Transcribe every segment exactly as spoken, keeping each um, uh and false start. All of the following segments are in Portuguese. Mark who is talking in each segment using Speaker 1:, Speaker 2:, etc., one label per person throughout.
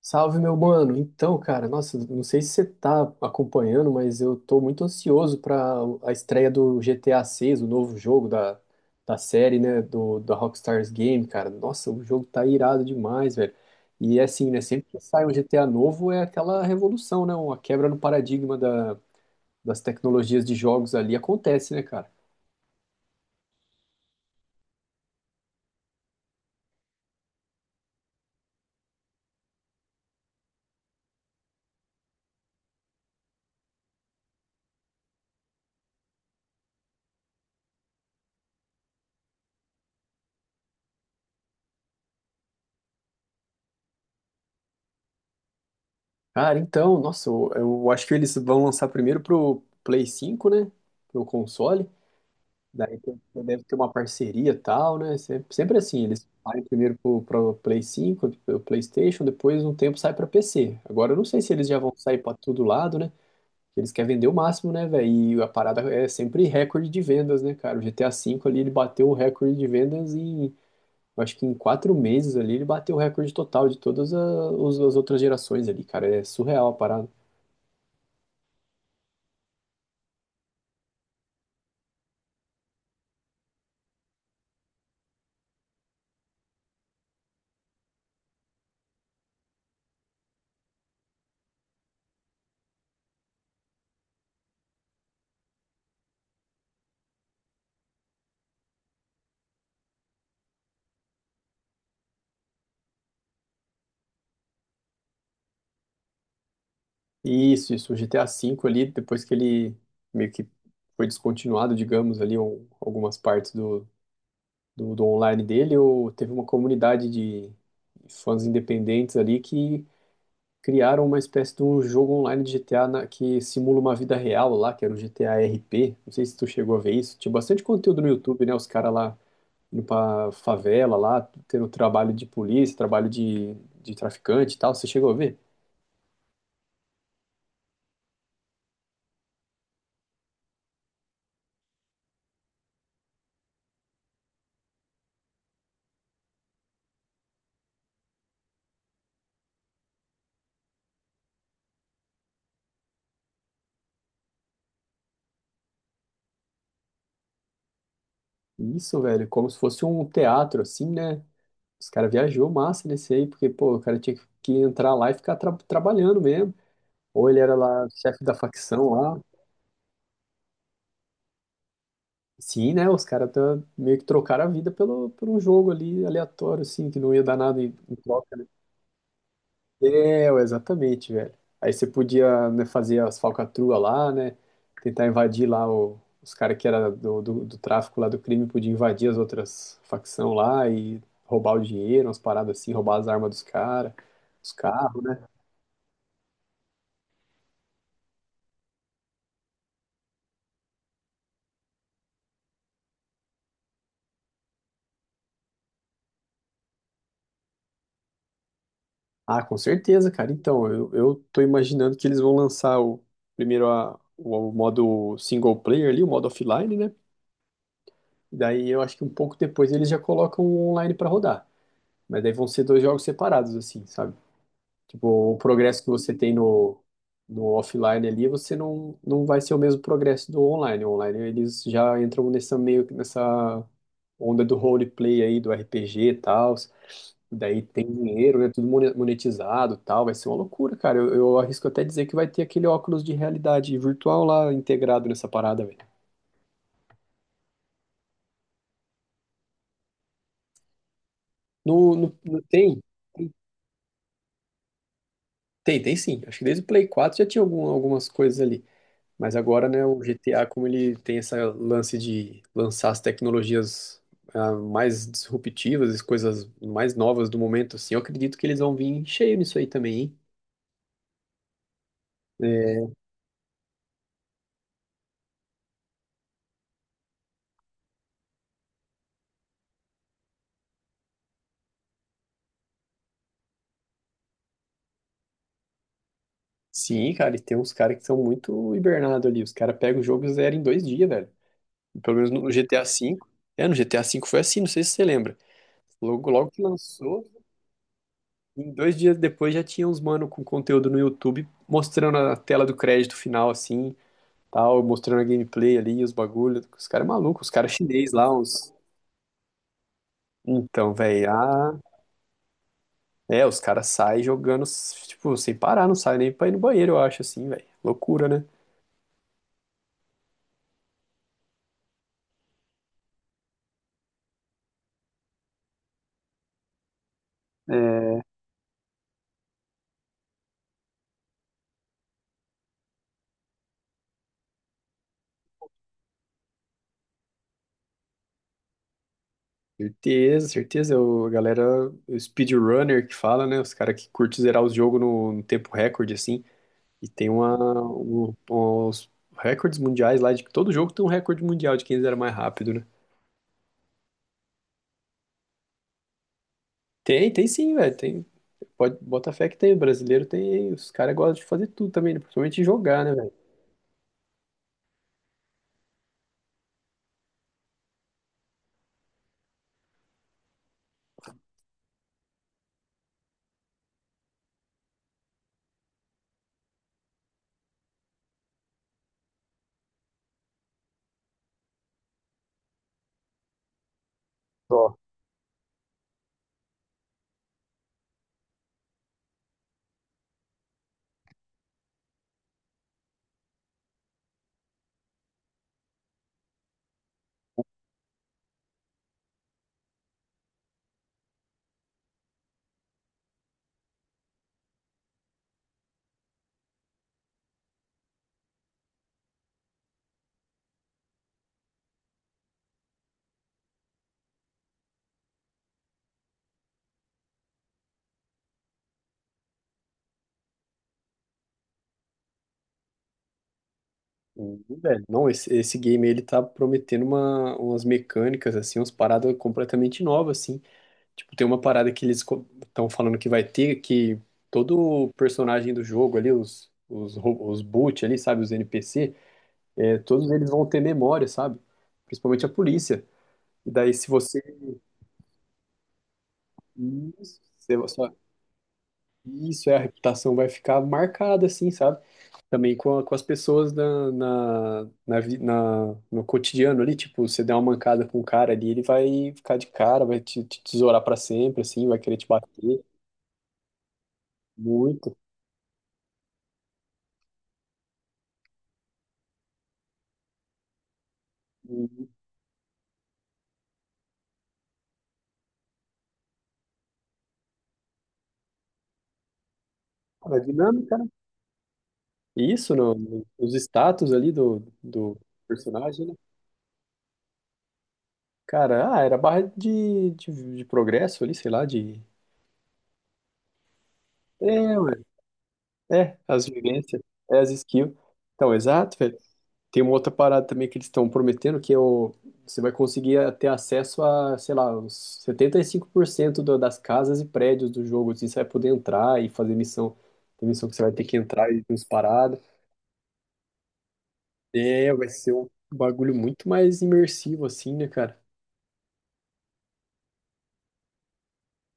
Speaker 1: Salve, meu mano. Então, cara, nossa, não sei se você tá acompanhando, mas eu tô muito ansioso para a estreia do G T A seis, o novo jogo da, da série, né, do da Rockstar Game, cara. Nossa, o jogo tá irado demais, velho. E é assim, né, sempre que sai um G T A novo é aquela revolução, né, uma quebra no paradigma da, das tecnologias de jogos ali acontece, né, cara? Cara, então, nossa, eu, eu acho que eles vão lançar primeiro pro Play cinco, né, pro console. Daí tem- deve ter uma parceria e tal, né? Sempre, sempre assim, eles saem primeiro pro, pro Play cinco, pro PlayStation, depois um tempo sai pra P C. Agora eu não sei se eles já vão sair pra todo lado, né? Eles querem vender o máximo, né, velho? E a parada é sempre recorde de vendas, né, cara? O G T A vê ali, ele bateu o recorde de vendas em, eu acho que em quatro meses ali, ele bateu o recorde total de todas a- os- as outras gerações ali, cara. É surreal a parada. Isso, isso, o G T A vê ali, depois que ele meio que foi descontinuado, digamos, ali, ou algumas partes do, do, do online dele, ou teve uma comunidade de fãs independentes ali que criaram uma espécie de um jogo online de G T A na- que simula uma vida real lá, que era o G T A R P. Não sei se tu chegou a ver isso. Tinha bastante conteúdo no YouTube, né? Os caras lá indo pra favela lá, tendo trabalho de polícia, trabalho de, de traficante e tal. Você chegou a ver? Isso, velho, como se fosse um teatro, assim, né? Os caras viajou massa nesse aí, porque, pô, o cara tinha que entrar lá e ficar tra- trabalhando mesmo. Ou ele era lá chefe da facção lá. Sim, né? Os caras tá- meio que trocaram a vida pelo, por um jogo ali aleatório, assim, que não ia dar nada em, em troca. É, exatamente, velho. Aí você podia, né, fazer as falcatruas lá, né? Tentar invadir lá o- os caras que era do, do, do tráfico lá do crime, podia invadir as outras facção lá e roubar o dinheiro, umas paradas assim, roubar as armas dos caras, os carros, né? Ah, com certeza, cara. Então, eu, eu tô imaginando que eles vão lançar o primeiro a- o, o modo single player ali, o modo offline, né? Daí eu acho que um pouco depois eles já colocam o online pra rodar. Mas daí vão ser dois jogos separados, assim, sabe? Tipo, o progresso que você tem no, no offline ali, você não, não vai ser o mesmo progresso do online. O online, eles já entram nessa meio que nessa onda do roleplay aí, do R P G e tal. Daí tem dinheiro, né? Tudo mone- monetizado e tal. Vai ser uma loucura, cara. Eu, eu arrisco até dizer que vai ter aquele óculos de realidade virtual lá integrado nessa parada, velho. No, no, no- tem, tem, tem sim. Acho que desde o Play Quatro já tinha algum, algumas coisas ali. Mas agora, né, o G T A, como ele tem esse lance de lançar as tecnologias ah, mais disruptivas, as coisas mais novas do momento, assim, eu acredito que eles vão vir cheio nisso aí também, hein? É, sim, cara, e tem uns caras que são muito hibernados ali. Os caras pegam o jogo e zeram em dois dias, velho. Pelo menos no G T A vê. É, no G T A vê foi assim, não sei se você lembra. Logo, logo que lançou, em dois dias depois já tinha uns mano com conteúdo no YouTube mostrando a tela do crédito final, assim, tal, mostrando a gameplay ali, os bagulhos. Os caras é maluco, os caras chinês lá, uns. Então, velho, ah, é, os caras saem jogando, tipo, sem parar, não sai nem pra ir no banheiro, eu acho, assim, velho. Loucura, né? Certeza, certeza. O, a galera, o speedrunner que fala, né? Os caras que curtem zerar os jogos no, no tempo recorde, assim. E tem uma, um- uns recordes mundiais lá, de que todo jogo tem um recorde mundial de quem zera mais rápido, né? Tem, tem sim, velho. Tem, pode, bota fé que tem, brasileiro tem, os caras gostam de fazer tudo também, né? Principalmente jogar, né, velho? Ó, hum, velho. Não, esse, esse game ele tá prometendo uma, umas mecânicas, assim, umas paradas completamente novas, assim. Tipo, tem uma parada que eles estão falando que vai ter, que todo personagem do jogo ali, os, os, ro- os boot ali, sabe, os N P C, é, todos eles vão ter memória, sabe? Principalmente a polícia. E daí, se você. Isso, se você- isso é, a reputação vai ficar marcada, assim, sabe? Também com, a- com as pessoas na, na, na, vi- na- no cotidiano ali, tipo, você der uma mancada com o cara ali, ele vai ficar de cara, vai te, te tesourar pra sempre, assim, vai querer te bater muito. E, cara, é dinâmica, né? E isso, no, no- nos status ali do, do personagem, né? Cara, ah, era barra de, de, de progresso ali, sei lá, de. É, é, as vivências, é as skills. Então, exato, velho. Tem uma outra parada também que eles estão prometendo, que é o, você vai conseguir a- ter acesso a, sei lá, uns setenta e cinco por cento do, das casas e prédios do jogo. Assim, você vai poder entrar e fazer missão. Tem missão que você vai ter que entrar e tem uns paradas. É, vai ser um bagulho muito mais imersivo, assim, né, cara?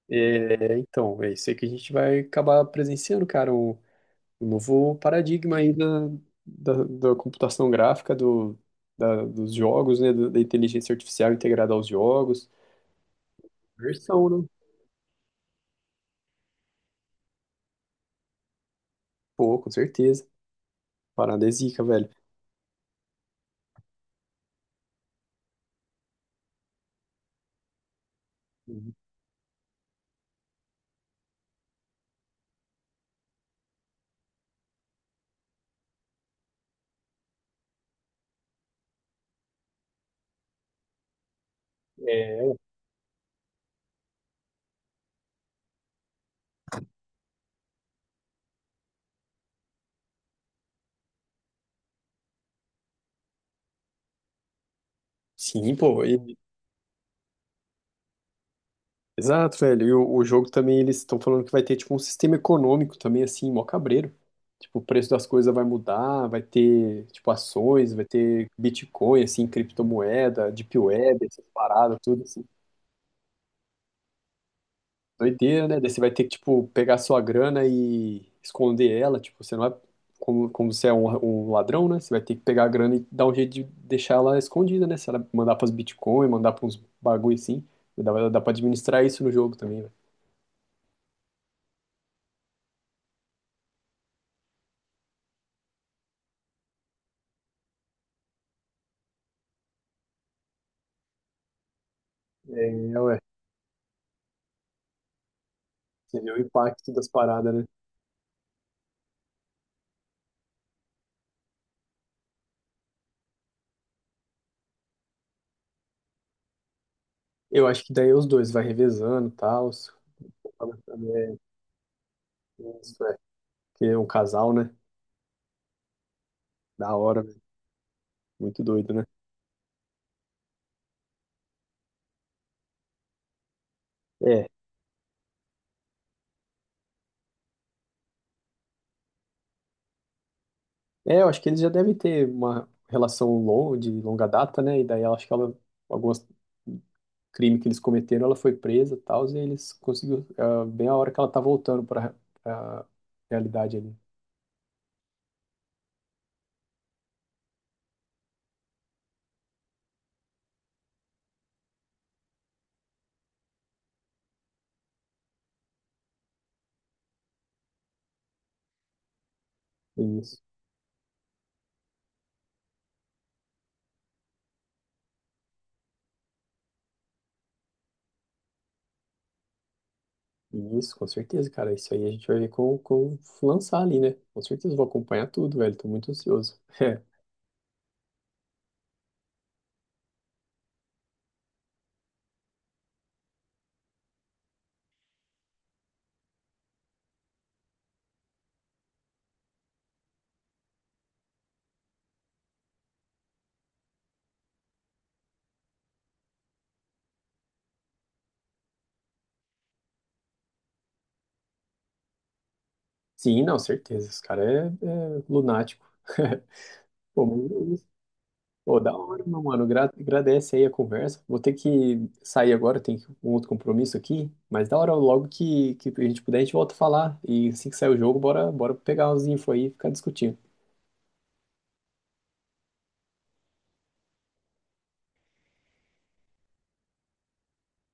Speaker 1: É, então, é isso aí que a gente vai acabar presenciando, cara, um, um novo paradigma aí da, da, da computação gráfica, do, da- dos jogos, né, da da inteligência artificial integrada aos jogos. Versão Pô, com certeza. Parada é zica, velho. É, sim, pô. e- Exato, velho. E o, o jogo também, eles estão falando que vai ter, tipo, um sistema econômico também, assim, mó cabreiro. Tipo, o preço das coisas vai mudar, vai ter, tipo, ações, vai ter Bitcoin, assim, criptomoeda, Deep Web, essas paradas, tudo, assim. Doideira, né? Daí você vai ter que, tipo, pegar sua grana e esconder ela. Tipo, você não é. Como, como você é um, um ladrão, né? Você vai ter que pegar a grana e dar um jeito de deixar ela escondida, né? Se ela mandar pras Bitcoin, mandar pra uns bagulho assim. Dá, dá pra administrar isso no jogo também, né? É, ué. Você vê o impacto das paradas, né? Eu acho que daí os dois vai revezando e tal. os- É, isso é. Que é um casal, né? Da hora, velho. Muito doido, né? É. É, eu acho que eles já devem ter uma relação longa, de longa data, né? E daí eu acho que ela, alguns crime que eles cometeram, ela foi presa e tal, e eles conseguiram, ah, bem a hora que ela tá voltando para a realidade ali. Isso, isso, com certeza, cara. Isso aí a gente vai ver com, com lançar ali, né? Com certeza, eu vou acompanhar tudo, velho. Tô muito ansioso. Sim, não, certeza. Esse cara é, é lunático. Pô, Pô, da hora, meu mano. Gra- Agradece aí a conversa. Vou ter que sair agora, tem um outro compromisso aqui. Mas da hora, logo que, que a gente puder, a gente volta a falar. E assim que sair o jogo, bora, bora pegar os info aí e ficar discutindo.